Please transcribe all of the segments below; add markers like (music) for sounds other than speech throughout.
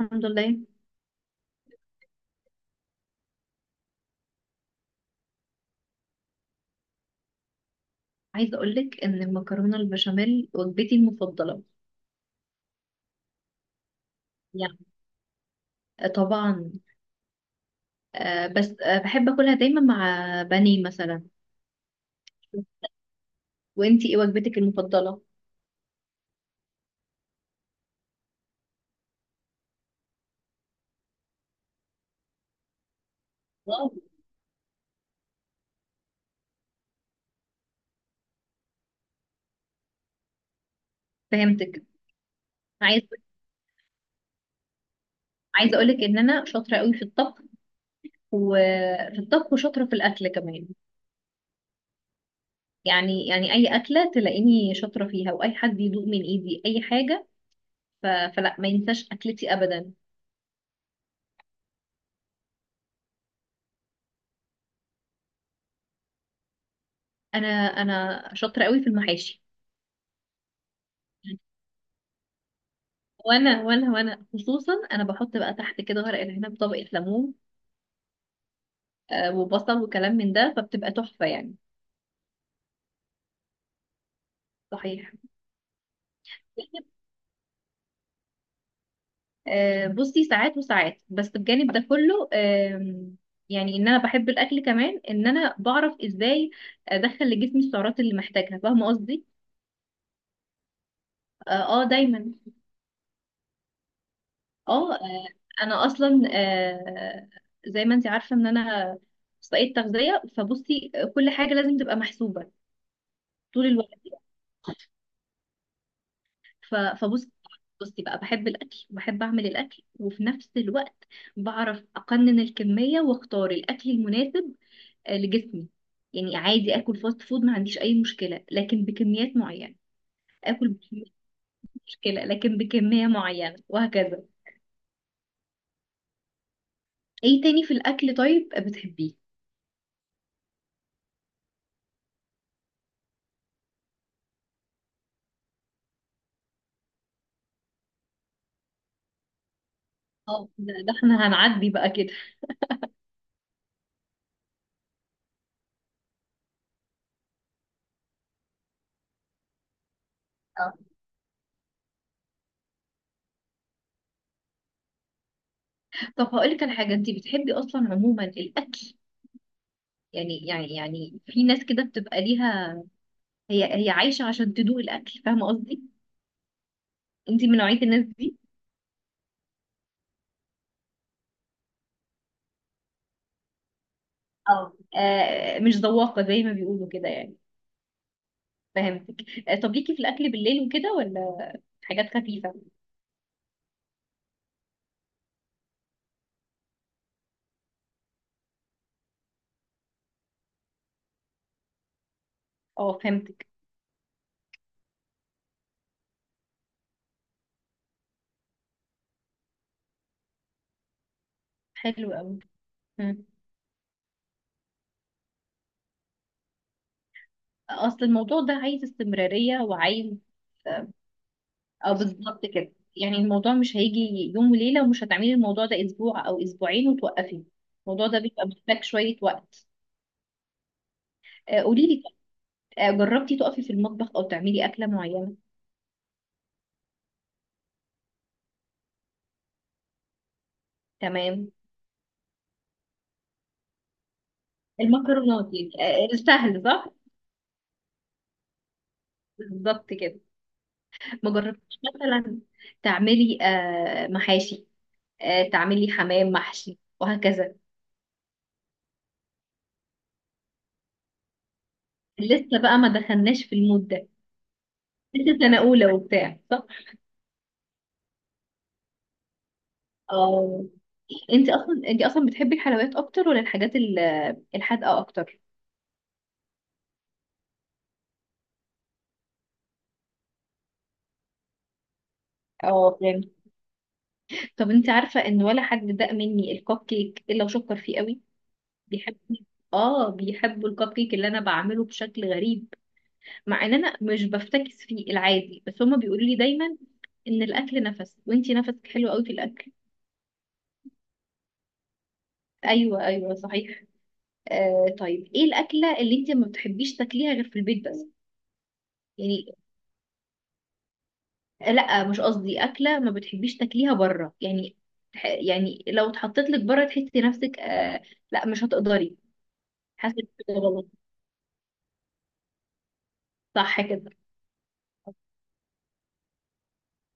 الحمد لله. عايزة أقولك إن المكرونة البشاميل وجبتي المفضلة. يعني طبعا. بس بحب أكلها دايما مع بانيه مثلا. وإنتي إيه وجبتك المفضلة؟ واو. فهمتك. عايز عايزة أقولك إن أنا شاطرة قوي في الطبخ، وفي الطبخ وشاطرة في الأكل كمان. يعني أي أكلة تلاقيني شاطرة فيها، وأي حد يدوق من إيدي أي حاجة، فلا ما ينساش أكلتي أبدا. أنا شاطرة قوي في المحاشي. وانا خصوصا انا بحط بقى تحت كده ورق العنب طبقة ليمون، وبصل وكلام من ده، فبتبقى تحفة يعني. صحيح. بصي، ساعات وساعات، بس بجانب ده كله يعني ان انا بحب الاكل، كمان ان انا بعرف ازاي ادخل لجسمي السعرات اللي محتاجها. فاهمة قصدي؟ اه، دايما. اه، انا اصلا زي ما انت عارفة ان انا اخصائية تغذية، فبصي كل حاجة لازم تبقى محسوبة طول الوقت. ف- فبص بصي بقى، بحب الاكل وبحب اعمل الاكل، وفي نفس الوقت بعرف اقنن الكميه واختار الاكل المناسب لجسمي. يعني عادي اكل فاست فود، ما عنديش اي مشكله، لكن بكميات معينه. اكل بكميات، مشكله لكن بكميه معينه، وهكذا. ايه تاني في الاكل طيب بتحبيه؟ اه، ده احنا هنعدي بقى كده. آه. طب هقول لك على حاجه، انت بتحبي اصلا عموما الاكل، يعني في ناس كده بتبقى ليها، هي هي عايشه عشان تدوق الاكل. فاهمه قصدي؟ انتي من نوعية الناس دي؟ اه، مش ذواقة زي ما بيقولوا كده يعني. فهمتك. طب، ليكي في الأكل بالليل وكده، ولا حاجات خفيفة؟ اه فهمتك. حلو أوي. مم. أصل الموضوع ده عايز استمرارية وعايز. اه، بالظبط كده. يعني الموضوع مش هيجي يوم وليلة، ومش هتعملي الموضوع ده أسبوع أو أسبوعين وتوقفي. الموضوع ده بيبقى محتاج شوية وقت. قوليلي. جربتي تقفي في المطبخ أو تعملي أكلة معينة؟ تمام. المكرونات يعني. سهل صح. بالظبط كده. ما جربتيش مثلا تعملي محاشي، تعملي حمام محشي وهكذا؟ لسه بقى ما دخلناش في المود ده. لسه سنة أولى وبتاع صح؟ اه. انت اصلا بتحبي الحلويات اكتر، ولا الحاجات الحادقة اكتر؟ اه فهمت. طب انت عارفة ان ولا حد داق مني الكب كيك الا وشكر فيه قوي. بيحب. اه، بيحبوا الكب كيك اللي انا بعمله بشكل غريب، مع ان انا مش بفتكس فيه العادي، بس هما بيقولوا لي دايما ان الاكل نفس وانتي نفسك حلو قوي في الاكل. ايوه، ايوه، صحيح. طيب، ايه الاكله اللي انتي ما بتحبيش تاكليها غير في البيت بس؟ يعني. لا، مش قصدي اكله ما بتحبيش تاكليها بره يعني. يعني لو اتحطيت لك بره تحسي نفسك لا مش هتقدري، حاسه إنك كده غلط. صح كده.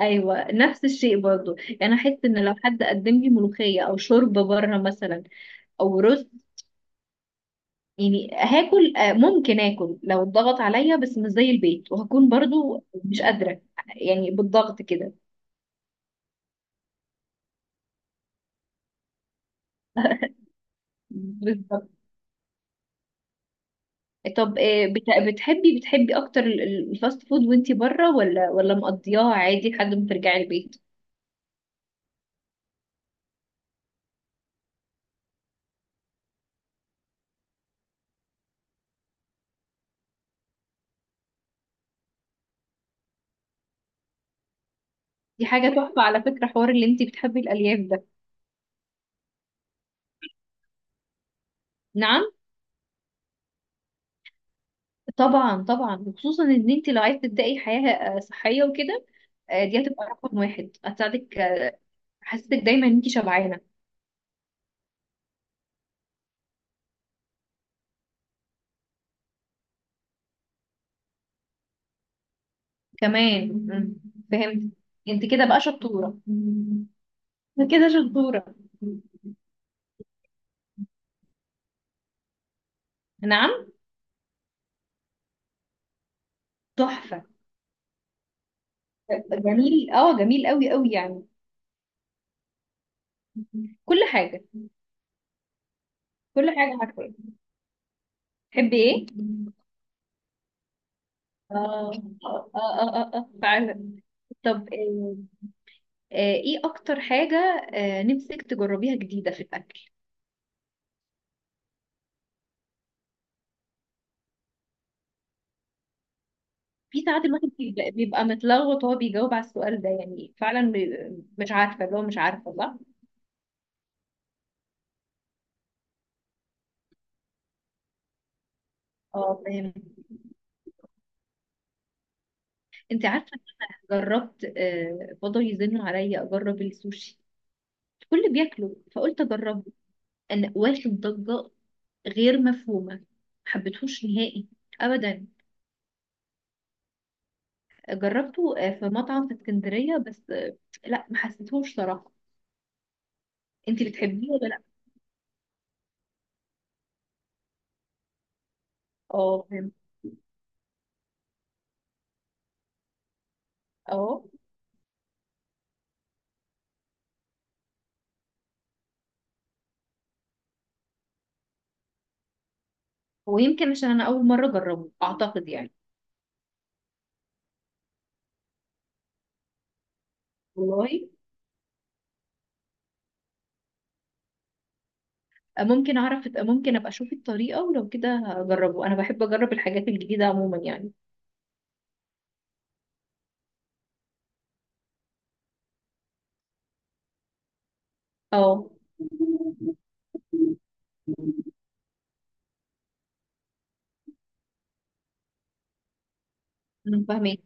ايوه، نفس الشيء برضو. يعني احس ان لو حد قدم لي ملوخيه او شوربه بره مثلا، او رز، يعني هاكل ممكن اكل لو اتضغط عليا، بس مش زي البيت، وهكون برضو مش قادرة. يعني بالضغط كده. بالضبط. طب بتحبي اكتر الفاست فود وانتي بره، ولا مقضياها عادي لحد ما ترجعي البيت؟ دي حاجة تحفة على فكرة، حوار اللي انتي بتحبي الالياف ده. نعم. طبعا طبعا، وخصوصا ان انتي لو عايزة تبدأي حياة صحية وكده، دي هتبقى رقم واحد، هتساعدك. حاسسك دايما ان انتي شبعانة. كمان. مم. فهمت. انت كده بقى شطورة. انت كده شطورة. نعم. تحفة. جميل، اه، جميل قوي قوي يعني. كل حاجة. كل حاجة، عارفة تحبي ايه. اه، اه، اه، اه، فعلا. طب ايه اكتر حاجة نفسك تجربيها جديدة في الاكل؟ في ساعات الواحد بيبقى، متلخبط وهو بيجاوب على السؤال ده، يعني فعلا مش عارفة اللي هو مش عارفة صح. اه فهمت. انت عارفة، جربت، فضل يزن عليا اجرب السوشي، الكل بياكله فقلت اجربه. انا واخد ضجة غير مفهومة، ما حبيتهوش نهائي ابدا. جربته في مطعم في اسكندرية، بس لا ما حسيتهوش صراحة. انتي بتحبيه ولا لا؟ اه فهمت. اه. ويمكن عشان انا اول مرة اجربه اعتقد يعني. والله ممكن اعرف، ممكن ابقى اشوف الطريقة، ولو كده هجربه. انا بحب اجرب الحاجات الجديدة عموما يعني. اه. أنا فاهمك.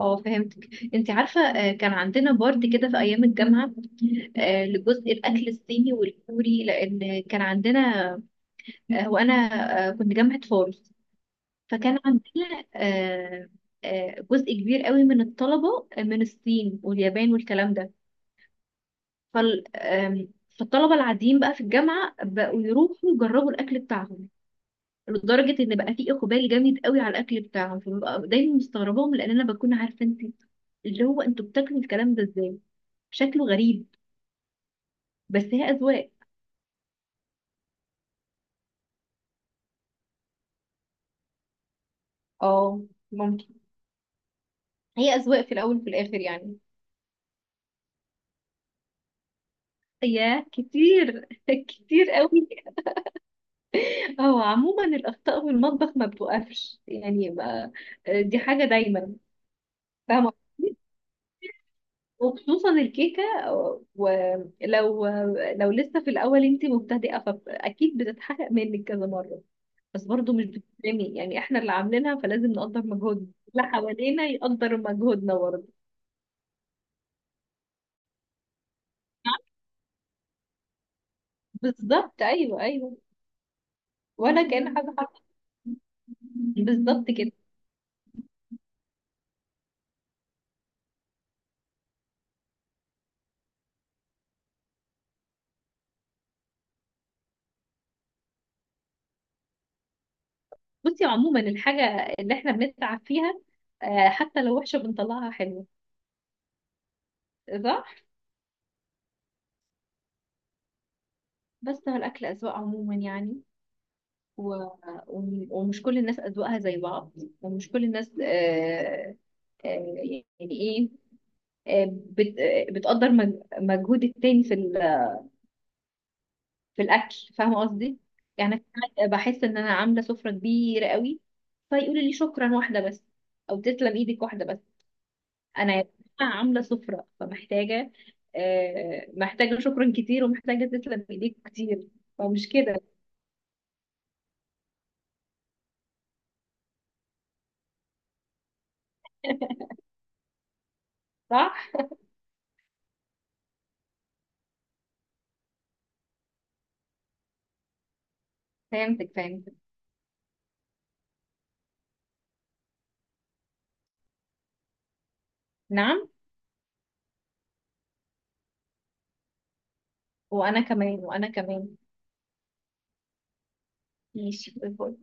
اه فهمتك. انت عارفه كان عندنا بورد كده في ايام الجامعه، لجزء الاكل الصيني والكوري، لان كان عندنا وانا كنت جامعه فاروس. فكان عندنا جزء كبير قوي من الطلبه من الصين واليابان والكلام ده. فال آم، فالطلبه العاديين بقى في الجامعه بقوا يروحوا يجربوا الاكل بتاعهم، لدرجه ان بقى في اقبال جامد قوي على الاكل بتاعهم، فببقى دايما مستغرباهم، لان انا بكون عارفه انت اللي هو انتوا بتاكلوا الكلام ده ازاي. شكله غريب. بس هي اذواق. اه، ممكن. هي أذواق في الأول وفي الآخر يعني. يا كتير (laughs) كتير قوي. هو عموما الاخطاء في المطبخ ما بتوقفش، يعني ما، دي حاجه دايما. فاهمة. وخصوصا الكيكه، ولو لو لسه في الاول انت مبتدئه فاكيد بتتحقق منك كذا مره. بس برضو مش بتتعمل، يعني احنا اللي عاملينها، فلازم نقدر مجهودنا، اللي حوالينا يقدر مجهودنا برضه. بالظبط، ايوه ايوه. ولا كأن حاجه حصلت. بالظبط كده. بصي عموما، الحاجه اللي احنا بنتعب فيها حتى لو وحشه بنطلعها حلوه. صح. بس هو الاكل اذواق عموما يعني. و... ومش كل الناس اذواقها زي بعض، ومش كل الناس آه، يعني ايه، بت... آه، بتقدر مجهود التاني في الاكل. فاهمه قصدي؟ يعني أنا ساعات بحس ان انا عامله سفره كبيره قوي، فيقولوا لي شكرا واحده بس، او تسلم ايدك واحده بس. انا يا جماعة عامله سفره، فمحتاجه آه، محتاجه شكرا كتير، ومحتاجه تسلم ايديك كتير. فمش كده صح. فهمتك، فهمتك. نعم. وانا كمان، وانا كمان. ماشي.